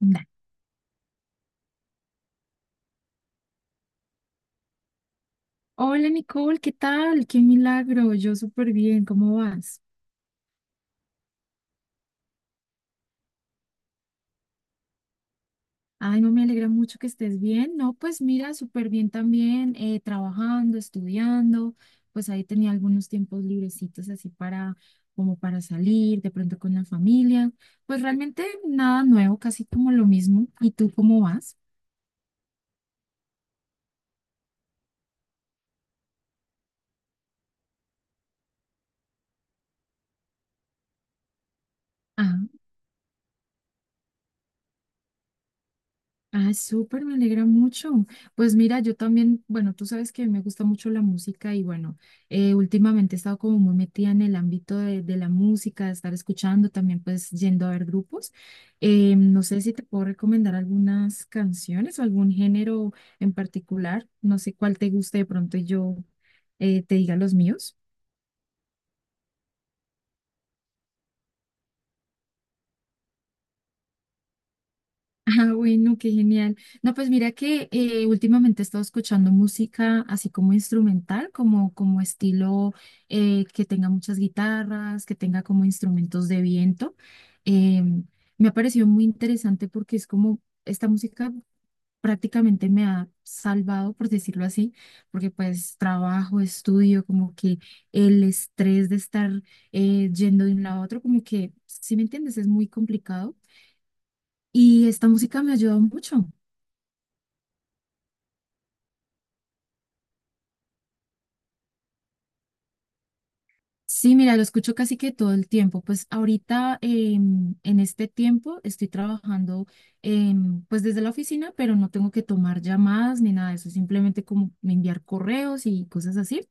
Nah. Hola Nicole, ¿qué tal? Qué milagro, yo súper bien, ¿cómo vas? Ay, no me alegra mucho que estés bien. No, pues mira, súper bien también, trabajando, estudiando, pues ahí tenía algunos tiempos librecitos así para, como para salir, de pronto con la familia. Pues realmente nada nuevo, casi como lo mismo. ¿Y tú cómo vas? Ah, súper, me alegra mucho. Pues mira, yo también, bueno, tú sabes que me gusta mucho la música y bueno, últimamente he estado como muy metida en el ámbito de la música, de estar escuchando, también pues yendo a ver grupos. No sé si te puedo recomendar algunas canciones o algún género en particular, no sé cuál te guste de pronto y yo te diga los míos. Ah, bueno, qué genial. No, pues mira que últimamente he estado escuchando música así como instrumental, como estilo que tenga muchas guitarras, que tenga como instrumentos de viento. Eh, me ha parecido muy interesante porque es como esta música prácticamente me ha salvado, por decirlo así, porque pues trabajo, estudio, como que el estrés de estar yendo de un lado a otro, como que, si me entiendes, es muy complicado. Y esta música me ha ayudado mucho. Sí, mira, lo escucho casi que todo el tiempo. Pues ahorita en este tiempo estoy trabajando pues desde la oficina, pero no tengo que tomar llamadas ni nada de eso, simplemente como enviar correos y cosas así.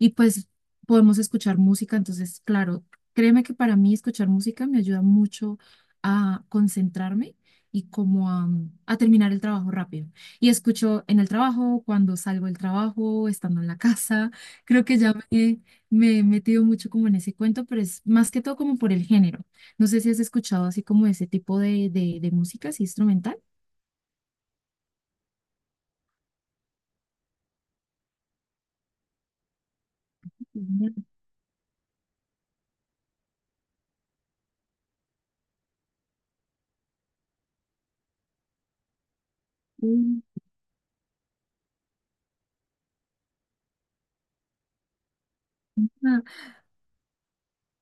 Y pues podemos escuchar música, entonces, claro, créeme que para mí escuchar música me ayuda mucho a concentrarme y como a terminar el trabajo rápido. Y escucho en el trabajo, cuando salgo del trabajo, estando en la casa. Creo que ya me he metido mucho como en ese cuento, pero es más que todo como por el género. No sé si has escuchado así como ese tipo de música, así instrumental. Ujú.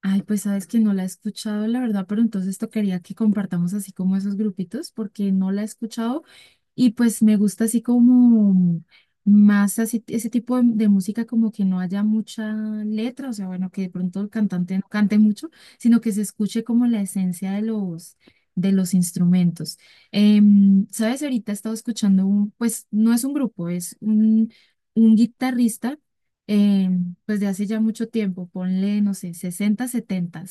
Ay, pues sabes que no la he escuchado, la verdad, pero entonces esto quería que compartamos así como esos grupitos, porque no la he escuchado y pues me gusta así como más así, ese tipo de música como que no haya mucha letra, o sea, bueno, que de pronto el cantante no cante mucho, sino que se escuche como la esencia de los instrumentos. Sabes, ahorita he estado escuchando un, pues no es un grupo, es un guitarrista eh, pues de hace ya mucho tiempo, ponle, no sé, 60 70,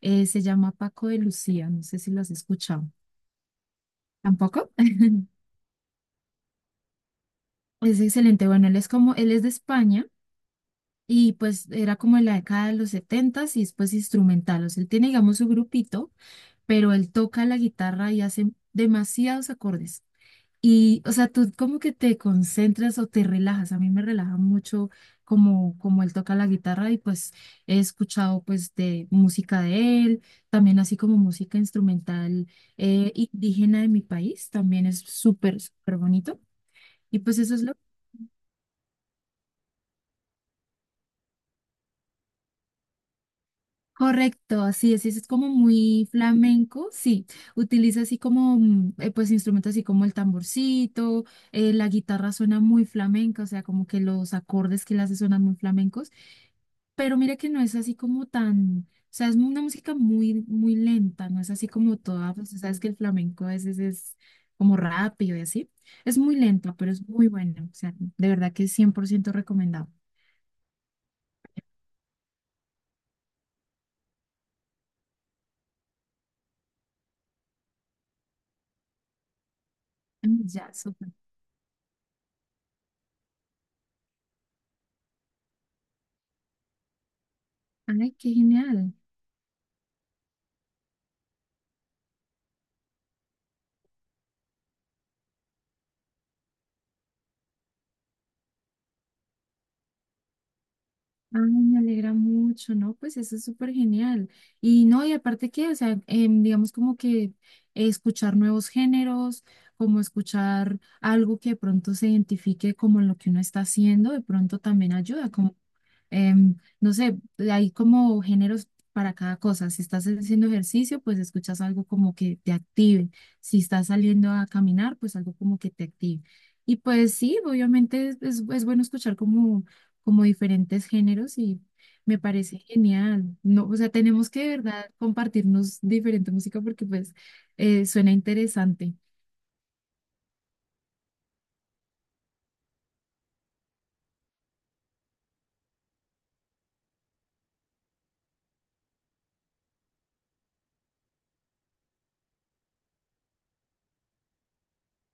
se llama Paco de Lucía, no sé si lo has escuchado. ¿Tampoco? Es excelente. Bueno, él es de España y pues era como en la década de los 70 y después instrumental. O sea, él tiene, digamos, su grupito, pero él toca la guitarra y hace demasiados acordes. Y, o sea, tú como que te concentras o te relajas. A mí me relaja mucho como él toca la guitarra y pues he escuchado pues de música de él, también así como música instrumental indígena de mi país, también es súper, súper bonito. Y pues eso es lo correcto, así es, si es como muy flamenco, sí. Utiliza así como, pues instrumentos así como el tamborcito, la guitarra suena muy flamenca, o sea, como que los acordes que le hace suenan muy flamencos. Pero mira que no es así como tan, o sea, es una música muy, muy lenta, no es así como toda, pues, sabes que el flamenco a veces es como rápido y así. Es muy lento, pero es muy bueno, o sea, de verdad que es 100% recomendado. Mm, ya, súper. Ay, qué genial. Ay, me alegra mucho, ¿no? Pues eso es súper genial. Y no, y aparte que, o sea, digamos como que escuchar nuevos géneros, como escuchar algo que de pronto se identifique como lo que uno está haciendo, de pronto también ayuda, como, no sé, hay como géneros para cada cosa. Si estás haciendo ejercicio, pues escuchas algo como que te active. Si estás saliendo a caminar, pues algo como que te active. Y pues sí, obviamente es bueno escuchar como diferentes géneros y me parece genial. No, o sea, tenemos que de verdad compartirnos diferente música porque pues suena interesante.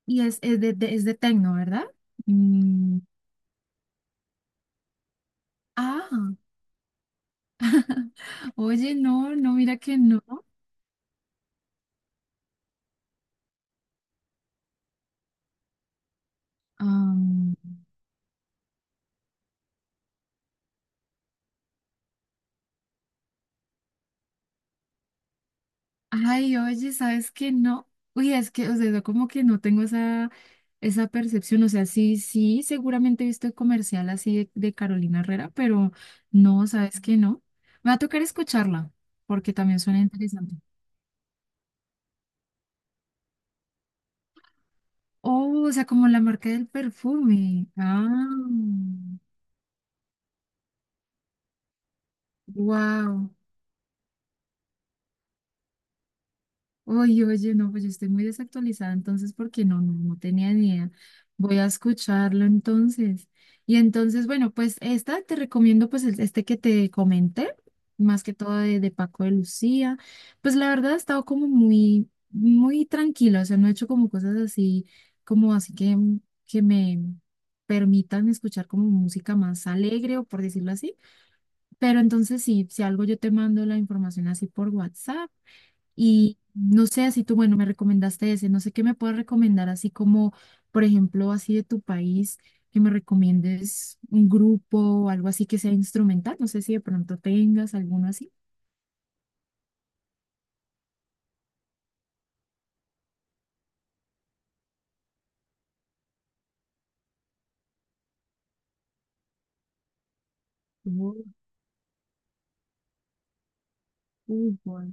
Y es de, es de tecno, ¿verdad? Mm, ah, oye, no, no, mira que no. Ah, ay, oye, ¿sabes qué? No, uy, es que, o sea, yo como que no tengo esa percepción, o sea, sí, sí, seguramente he visto el comercial así de Carolina Herrera, pero no, ¿sabes qué? No. Me va a tocar escucharla, porque también suena interesante. Oh, o sea, como la marca del perfume. Ah, wow. Oye, oye, no, pues yo estoy muy desactualizada entonces porque no, no, no tenía ni idea. Voy a escucharlo entonces. Y entonces, bueno, pues esta te recomiendo pues este que te comenté, más que todo de Paco de Lucía. Pues la verdad he estado como muy, muy tranquila, o sea, no he hecho como cosas así, como así que me permitan escuchar como música más alegre o por decirlo así. Pero entonces sí, si algo yo te mando la información así por WhatsApp y no sé, así tú, bueno, me recomendaste ese, no sé qué me puedes recomendar, así como, por ejemplo, así de tu país, que me recomiendes un grupo o algo así que sea instrumental, no sé si de pronto tengas alguno así. Fútbol, fútbol.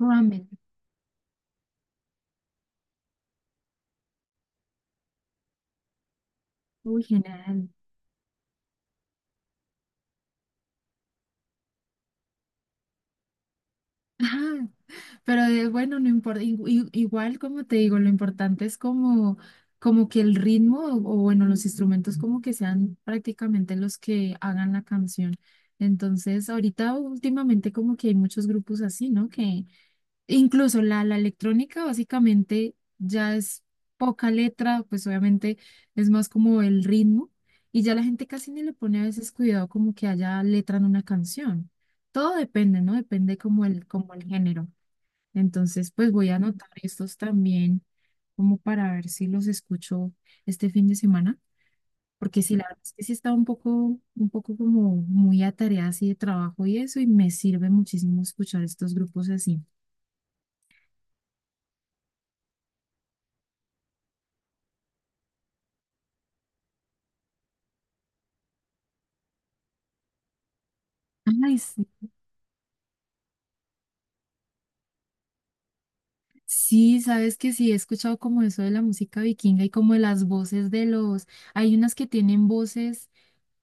Ramen, uy, genial. Pero bueno, no importa, igual como te digo, lo importante es como que el ritmo bueno, los instrumentos como que sean prácticamente los que hagan la canción. Entonces, ahorita últimamente como que hay muchos grupos así, ¿no? Que incluso la electrónica básicamente ya es poca letra, pues obviamente es más como el ritmo y ya la gente casi ni le pone a veces cuidado como que haya letra en una canción. Todo depende, ¿no? Depende como el género. Entonces, pues voy a anotar estos también como para ver si los escucho este fin de semana, porque sí, la verdad es que sí estaba un poco como muy atareada así de trabajo y eso, y me sirve muchísimo escuchar estos grupos así. Ay, sí, sí, sabes que sí, he escuchado como eso de la música vikinga y como de las voces de los, hay unas que tienen voces,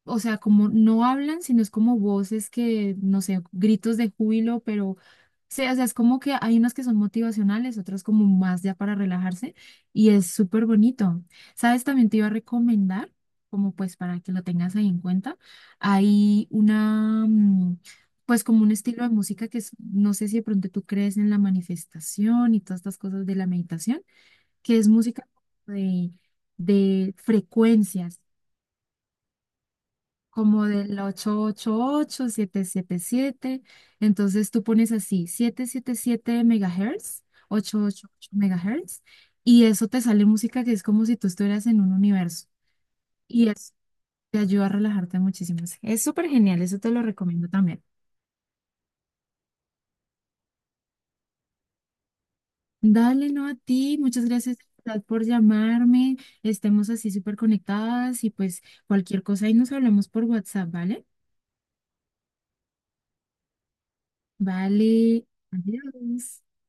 o sea, como no hablan, sino es como voces que, no sé, gritos de júbilo, pero sí, o sea, es como que hay unas que son motivacionales, otras como más ya para relajarse, y es súper bonito. ¿Sabes? También te iba a recomendar, como pues para que lo tengas ahí en cuenta, hay una, pues como un estilo de música que es, no sé si de pronto tú crees en la manifestación y todas estas cosas de la meditación, que es música de... de frecuencias como del 888, siete. Entonces tú pones así 777 MHz, 888 MHz, y eso te sale música que es como si tú estuvieras en un universo. Y eso te ayuda a relajarte muchísimo. Es súper genial, eso te lo recomiendo también. Dale, no a ti, muchas gracias de verdad, por llamarme. Estemos así súper conectadas y pues cualquier cosa ahí nos hablamos por WhatsApp, ¿vale? Vale, adiós.